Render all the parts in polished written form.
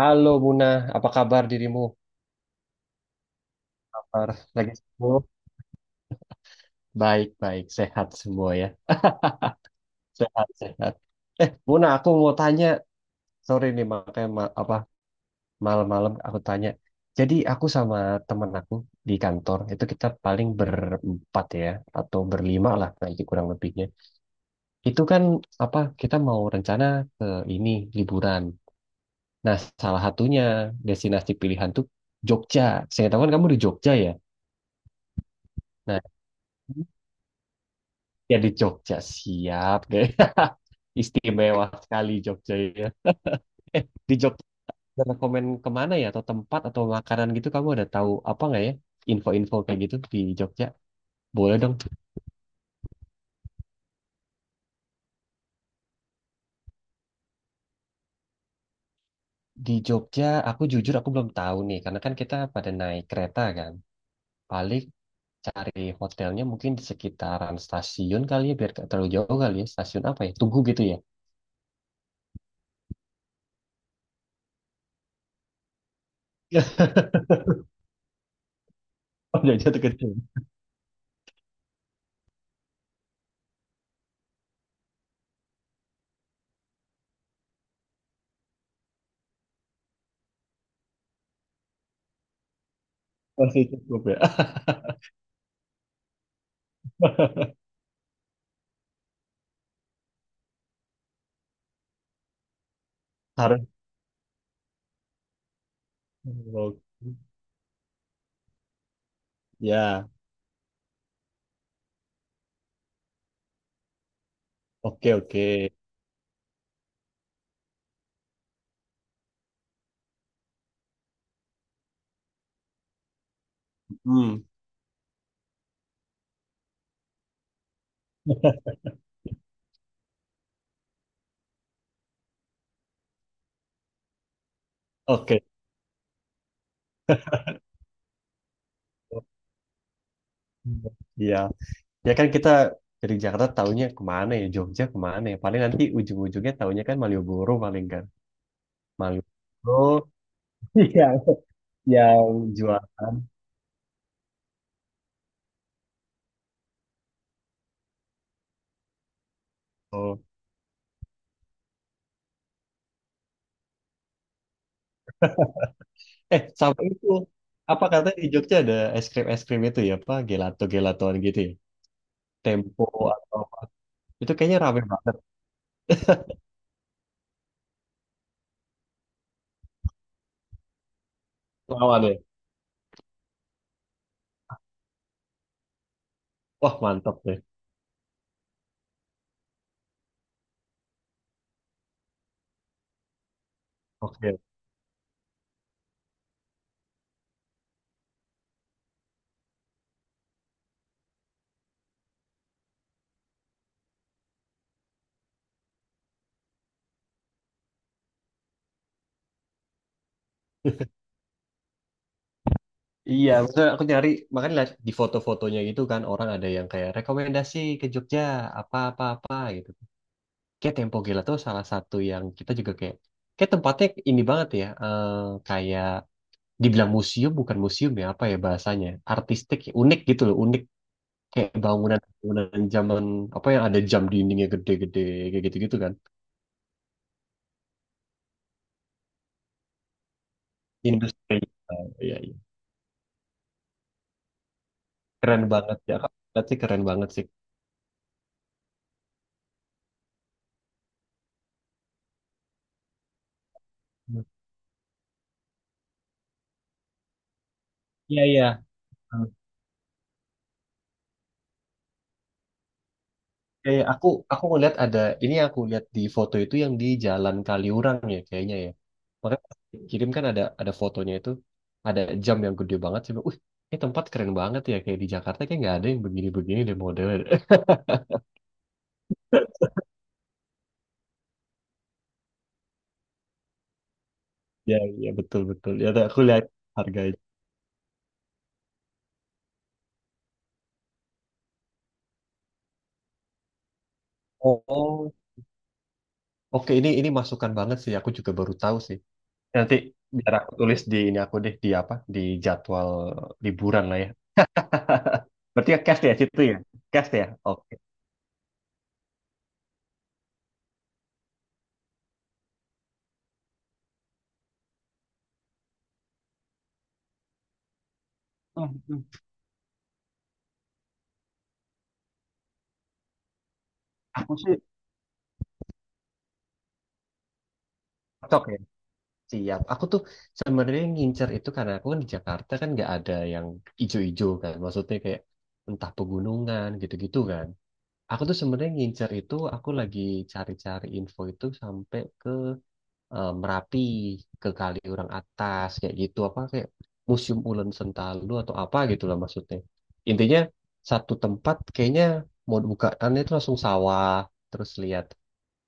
Halo Muna, apa kabar dirimu? Kabar lagi sembuh? Baik, baik, sehat semua ya. Sehat, sehat. Eh, Muna, aku mau tanya. Sorry nih, makanya ma- apa malam-malam aku tanya. Jadi aku sama temen aku di kantor itu kita paling berempat ya, atau berlima lah nanti kurang lebihnya. Itu kan apa kita mau rencana ke ini liburan. Nah, salah satunya destinasi pilihan tuh Jogja. Saya tahu kan kamu di Jogja ya. Nah, ya di Jogja siap deh. Istimewa sekali Jogja ya. Eh, di Jogja ada rekomen kemana ya atau tempat atau makanan gitu kamu ada tahu apa nggak ya? Info-info kayak gitu di Jogja. Boleh dong. Di Jogja aku jujur aku belum tahu nih karena kan kita pada naik kereta kan. Paling cari hotelnya mungkin di sekitaran stasiun kali ya biar nggak terlalu jauh kali ya. Stasiun apa ya? Tugu gitu ya. Oh, Jogja tuh kecil. Masih cukup ya. Harus. Ya. Oke, oke. Hmm, oke. Iya. Ya kan kita dari Jakarta taunya kemana ya? Jogja kemana ya? Paling nanti ujung-ujungnya taunya kan Malioboro paling kan. Malioboro yang, yang jualan. Oh. Eh, sama itu. Apa katanya di Jogja ada es krim-es krim itu ya? Apa? Gelato-gelatoan gitu ya? Tempo atau... Itu kayaknya rame banget. Lawan ya? Wah, mantap deh. Oke, iya, maksudnya aku nyari, makanya lihat di foto-fotonya gitu kan, orang ada yang kayak rekomendasi ke Jogja, apa-apa-apa gitu. Kayak Tempo Gila tuh salah satu yang kita juga kayak tempatnya ini banget ya, kayak dibilang museum, bukan museum ya, apa ya bahasanya, artistik, ya, unik gitu loh, unik. Kayak bangunan-bangunan zaman, apa yang ada jam dindingnya gede-gede, kayak gitu-gitu kan. Industri, iya, iya. Keren banget ya, Kak. Berarti keren banget sih. Iya, iya. Kayak aku ngeliat ada ini aku lihat di foto itu yang di Jalan Kaliurang ya kayaknya ya. Makanya pas kirim kan ada fotonya itu ada jam yang gede banget sih. Wih, ini tempat keren banget ya kayak di Jakarta kayak nggak ada yang begini-begini deh modelnya. Ya, ya, betul betul. Ya aku lihat harganya. Oh, oke ini masukan banget sih. Aku juga baru tahu sih. Nanti biar aku tulis di ini aku deh di apa di jadwal liburan lah ya. Berarti ya cash ya situ ya, cash ya. Oke. Hmm, hmm. Aku sih cocok ya? Siap. Aku tuh sebenarnya ngincer itu karena aku kan di Jakarta kan nggak ada yang ijo-ijo kan. Maksudnya kayak entah pegunungan gitu-gitu kan. Aku tuh sebenarnya ngincer itu aku lagi cari-cari info itu sampai ke Merapi, ke Kaliurang Atas kayak gitu apa kayak Museum Ulen Sentalu atau apa gitu lah maksudnya. Intinya satu tempat kayaknya mau bukaan itu langsung sawah terus lihat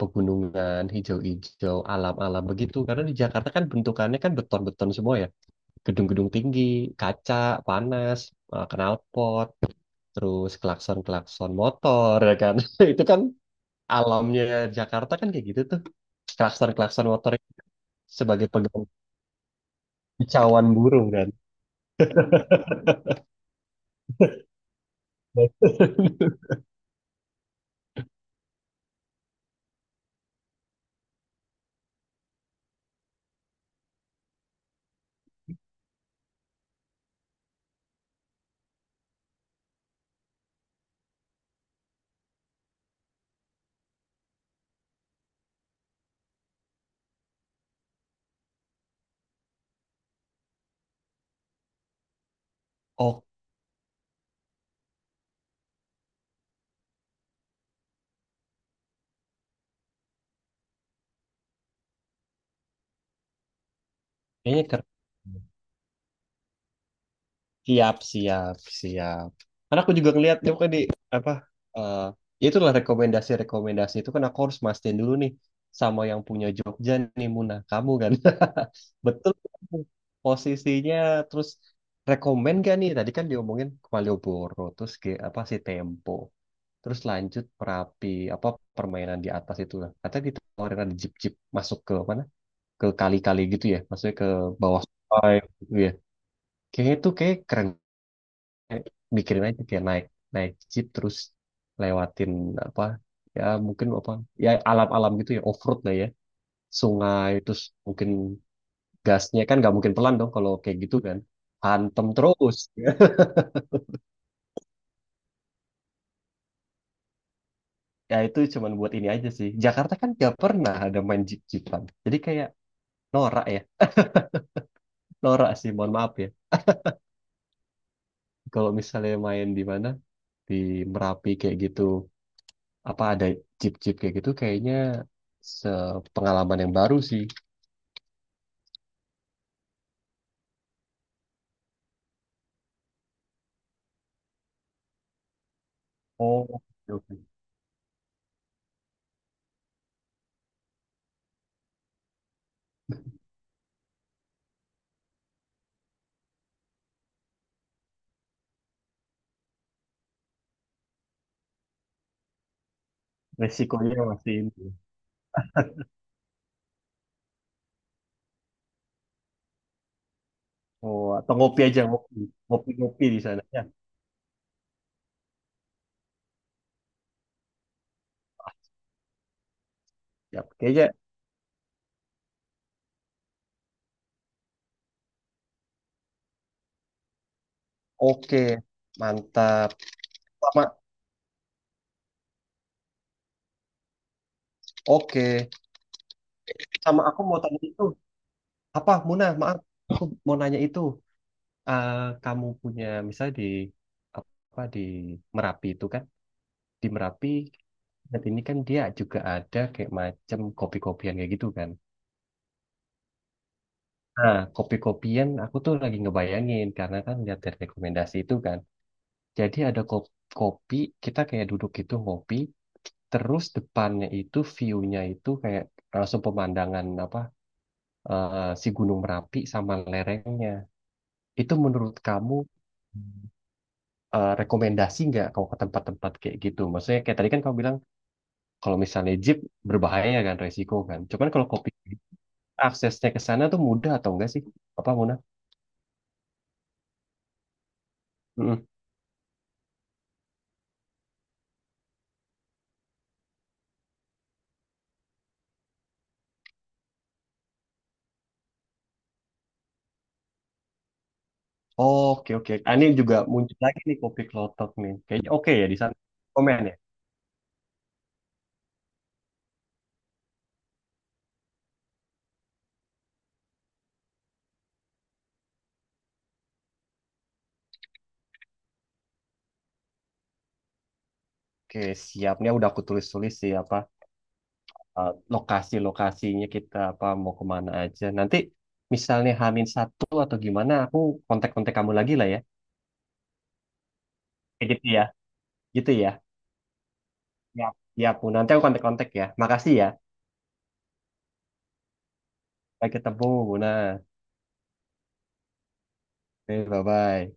pegunungan, hijau-hijau, alam-alam begitu. Karena di Jakarta kan bentukannya kan beton-beton semua ya. Gedung-gedung tinggi, kaca, panas, knalpot, terus klakson-klakson motor ya kan. Itu kan alamnya Jakarta kan kayak gitu tuh. Klakson-klakson motor sebagai pegangan kicauan burung kan. Oh, kayaknya keren. Siap, siap, siap. Karena aku juga ngeliat tuh kan di apa eh ya itulah rekomendasi-rekomendasi itu kan aku harus mastiin dulu nih sama yang punya Jogja nih Muna kamu kan. Betul posisinya terus rekomen gak nih? Tadi kan diomongin ke Malioboro terus ke apa sih Tempo. Terus lanjut Merapi apa permainan di atas itu lah. Katanya ditawarin ada jeep-jeep masuk ke mana? Ke kali-kali gitu ya. Maksudnya ke bawah sungai gitu ya. Kayaknya itu kayak keren kayak mikirin aja kayak naik naik jeep terus lewatin apa ya mungkin apa ya alam-alam gitu ya off-road lah ya sungai terus mungkin gasnya kan nggak mungkin pelan dong kalau kayak gitu kan hantem terus. Ya itu cuman buat ini aja sih Jakarta kan nggak pernah ada main jeep-jeepan jadi kayak norak ya norak sih mohon maaf ya kalau misalnya main di mana di Merapi kayak gitu apa ada jeep-jeep kayak gitu kayaknya sepengalaman yang baru sih. Oh, oke. Resikonya masih ini. Oh, atau ngopi aja, ngopi. Ngopi-ngopi di sana. Ya, ah, siap. Kayaknya oke. Mantap. Sama, oke. Sama aku mau tanya itu. Apa, Muna? Maaf. Aku mau nanya itu. Eh, kamu punya, misalnya di, apa, di Merapi itu kan. Di Merapi, saat ini kan dia juga ada kayak macam kopi-kopian kayak gitu kan. Nah, kopi-kopian aku tuh lagi ngebayangin. Karena kan lihat dari rekomendasi itu kan. Jadi ada kopi, kita kayak duduk gitu ngopi, terus depannya itu view-nya itu kayak langsung pemandangan apa si Gunung Merapi sama lerengnya. Itu menurut kamu rekomendasi nggak kalau ke tempat-tempat kayak gitu? Maksudnya kayak tadi kan kamu bilang kalau misalnya jeep berbahaya kan resiko kan. Cuman kalau kopi aksesnya ke sana tuh mudah atau enggak sih? Apa Muna? Mm-mm. Oh, oke oke. Ah, ini juga muncul lagi nih kopi klotok nih. Kayaknya oke ya di sana. Komen ya. Oke, siapnya udah aku tulis-tulis sih apa lokasi-lokasinya kita apa mau kemana aja. Nanti misalnya Hamin satu atau gimana, aku kontak-kontak kamu lagi lah ya. Kayak gitu ya, gitu ya. Ya, ya Bu. Nanti aku kontak-kontak ya. Makasih ya. Sampai ketemu, Bu. Nah, bye bye.